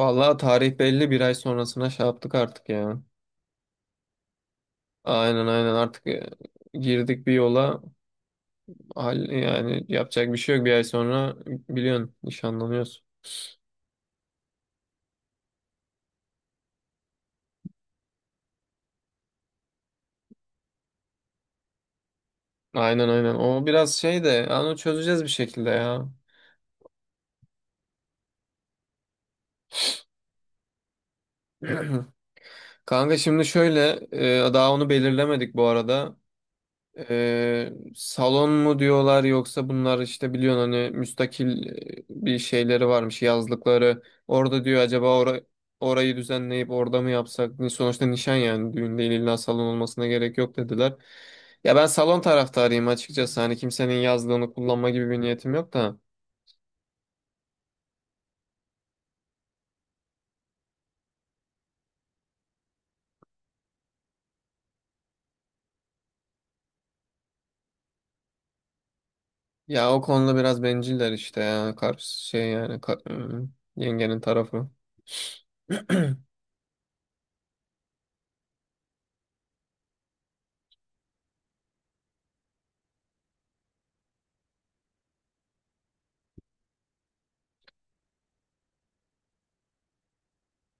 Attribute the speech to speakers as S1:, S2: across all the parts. S1: Vallahi tarih belli bir ay sonrasına şey yaptık artık ya. Aynen aynen artık girdik bir yola. Hal, yani yapacak bir şey yok. Bir ay sonra biliyorsun nişanlanıyoruz. Aynen aynen. O biraz şey de yani onu çözeceğiz bir şekilde ya. Kanka şimdi şöyle daha onu belirlemedik bu arada. Salon mu diyorlar yoksa bunlar işte biliyorsun hani müstakil bir şeyleri varmış yazlıkları. Orada diyor acaba orayı düzenleyip orada mı yapsak? Sonuçta nişan yani düğün değil illa salon olmasına gerek yok dediler. Ya ben salon taraftarıyım açıkçası hani kimsenin yazlığını kullanma gibi bir niyetim yok da. Ya o konuda biraz benciller işte ya karşı şey yani yengenin tarafı.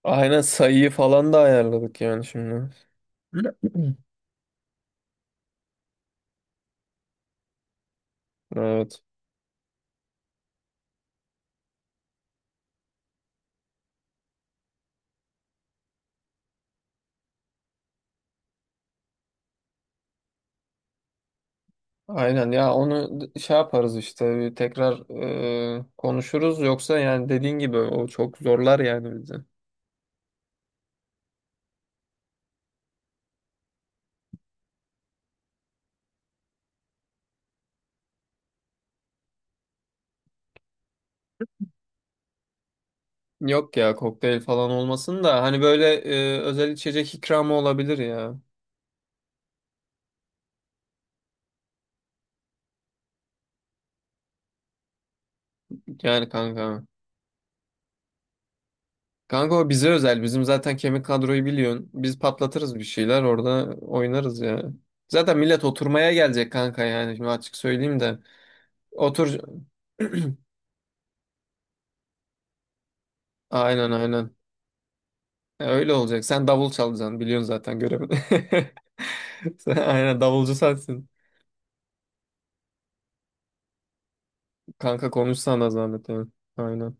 S1: Aynen sayıyı falan da ayarladık yani şimdi. Evet. Aynen ya şey yaparız işte bir tekrar konuşuruz yoksa yani dediğin gibi o çok zorlar yani bizi. Yok ya kokteyl falan olmasın da hani böyle özel içecek ikramı olabilir ya. Yani kanka. Kanka o bize özel. Bizim zaten kemik kadroyu biliyorsun. Biz patlatırız bir şeyler orada oynarız ya. Zaten millet oturmaya gelecek kanka yani şimdi açık söyleyeyim de. Otur. Aynen aynen. Öyle olacak. Sen davul çalacaksın. Biliyorsun zaten görevini. Sen aynen davulcu sensin. Kanka konuşsana zahmet yani. Aynen.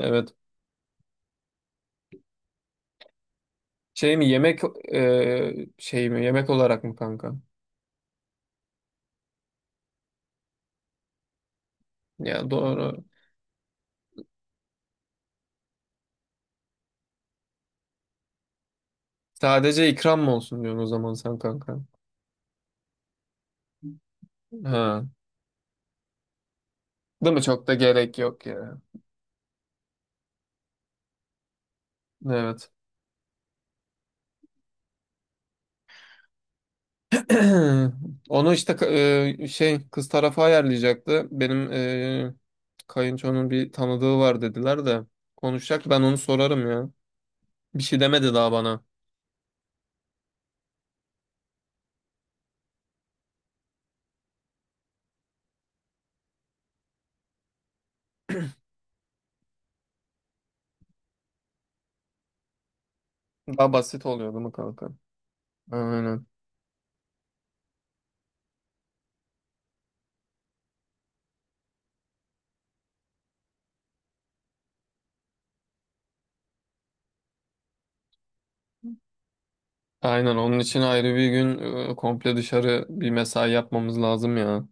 S1: Evet. Şey mi yemek Şey mi yemek olarak mı kanka? Ya doğru. Sadece ikram mı olsun diyorsun o zaman sen kanka. Ha. Değil mi? Çok da gerek yok ya. Evet. Onu işte şey kız tarafı ayarlayacaktı. Benim kayınçonun bir tanıdığı var dediler de konuşacak. Ben onu sorarım ya. Bir şey demedi daha bana. Daha basit oluyor değil mi kanka? Aynen. Aynen onun için ayrı bir gün komple dışarı bir mesai yapmamız lazım ya.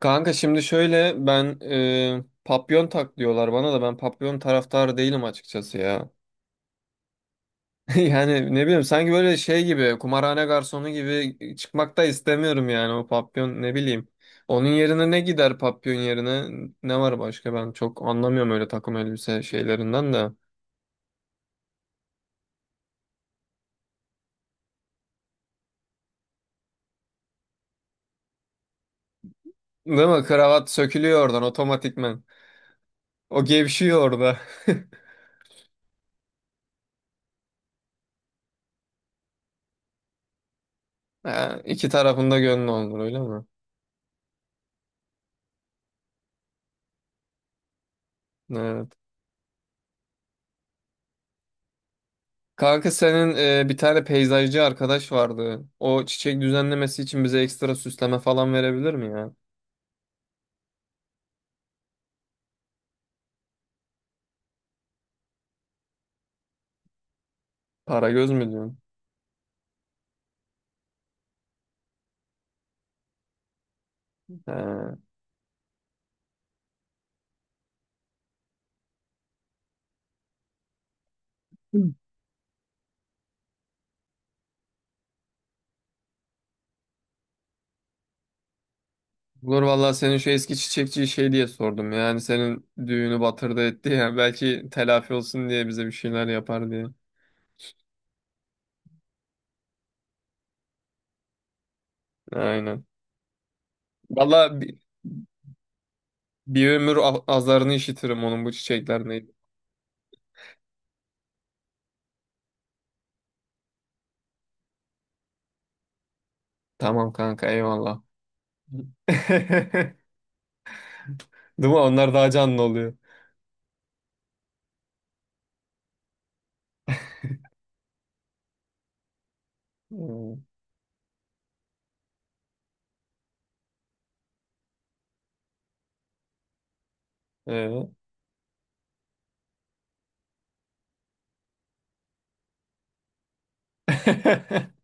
S1: Kanka şimdi şöyle ben papyon tak diyorlar bana da ben papyon taraftarı değilim açıkçası ya. Yani ne bileyim sanki böyle şey gibi kumarhane garsonu gibi çıkmak da istemiyorum yani o papyon ne bileyim. Onun yerine ne gider papyon yerine ne var başka ben çok anlamıyorum öyle takım elbise şeylerinden de. Değil mi? Kravat sökülüyor oradan otomatikman. O gevşiyor orada. Ha, iki tarafında gönlü olur öyle mi? Evet. Kanka senin bir tane peyzajcı arkadaş vardı. O çiçek düzenlemesi için bize ekstra süsleme falan verebilir mi ya? Para göz mü diyorsun? He. Olur vallahi senin şu eski çiçekçiyi şey diye sordum. Yani senin düğünü batırdı etti ya. Belki telafi olsun diye bize bir şeyler yapar diye. Aynen. Vallahi bir ömür azarını işitirim onun bu çiçeklerine. Tamam kanka eyvallah. Değil mi? Onlar daha canlı oluyor. Hmm, evet.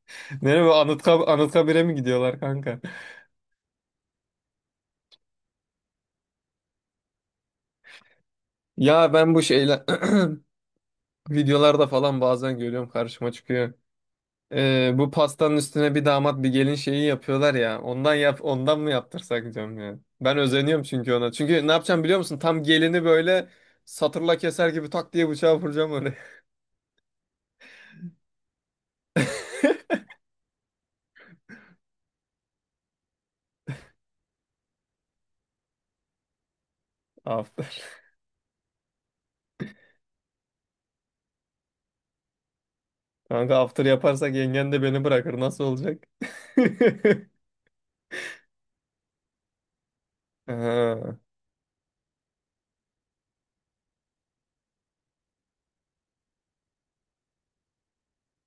S1: Nereye bu Anıtkabir'e mi gidiyorlar kanka? Ya ben bu şeyler videolarda falan bazen görüyorum karşıma çıkıyor. Bu pastanın üstüne bir damat bir gelin şeyi yapıyorlar ya. Ondan mı yaptırsak diyorum ya. Ben özeniyorum çünkü ona. Çünkü ne yapacağım biliyor musun? Tam gelini böyle satırla keser gibi tak diye bıçağı vuracağım oraya. Aferin. Kanka after yaparsak yengen de beni bırakır. Nasıl olacak? Ha.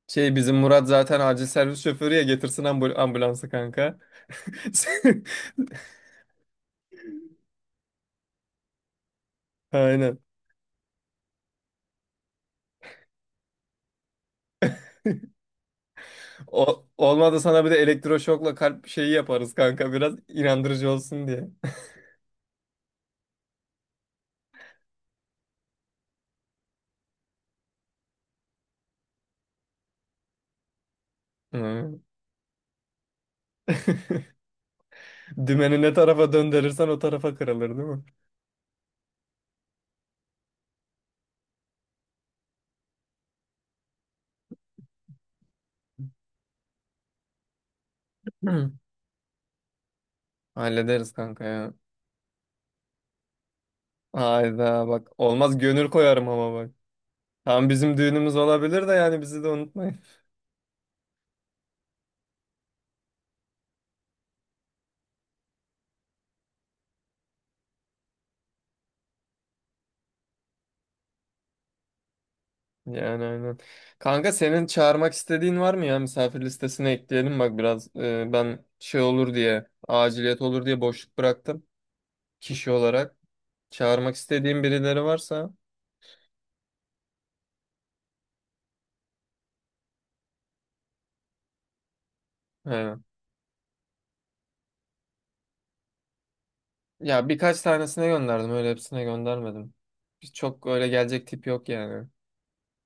S1: Şey bizim Murat zaten acil servis şoförü ya getirsin ambulansı kanka. Aynen. O, olmadı sana bir de elektroşokla kalp şeyi yaparız kanka biraz inandırıcı olsun diye. Hı. Dümeni ne tarafa döndürürsen o tarafa kırılır değil mi? Hı. Hallederiz kanka ya. Hayda bak olmaz gönül koyarım ama bak. Tam bizim düğünümüz olabilir de yani bizi de unutmayın. Yani aynen. Kanka senin çağırmak istediğin var mı ya? Misafir listesine ekleyelim bak biraz. Ben şey olur diye, aciliyet olur diye boşluk bıraktım kişi olarak. Çağırmak istediğim birileri varsa. He. Ya birkaç tanesine gönderdim öyle hepsine göndermedim. Biz çok öyle gelecek tip yok yani.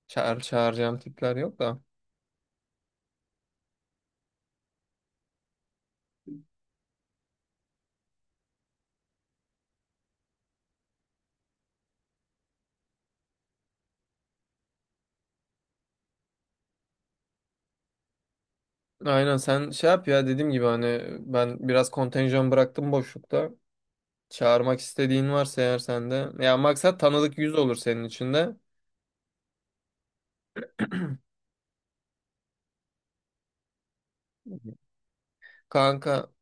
S1: Çağıracağım tipler yok da. Aynen sen şey yap ya dediğim gibi hani ben biraz kontenjan bıraktım boşlukta. Çağırmak istediğin varsa eğer sende. Ya maksat tanıdık yüz olur senin için de. Kanka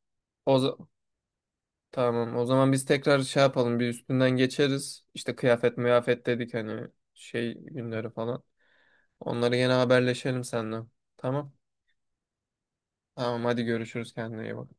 S1: o za- tamam o zaman biz tekrar şey yapalım bir üstünden geçeriz. İşte kıyafet müyafet dedik hani şey günleri falan. Onları yine haberleşelim seninle. Tamam. Tamam hadi görüşürüz kendine iyi bak.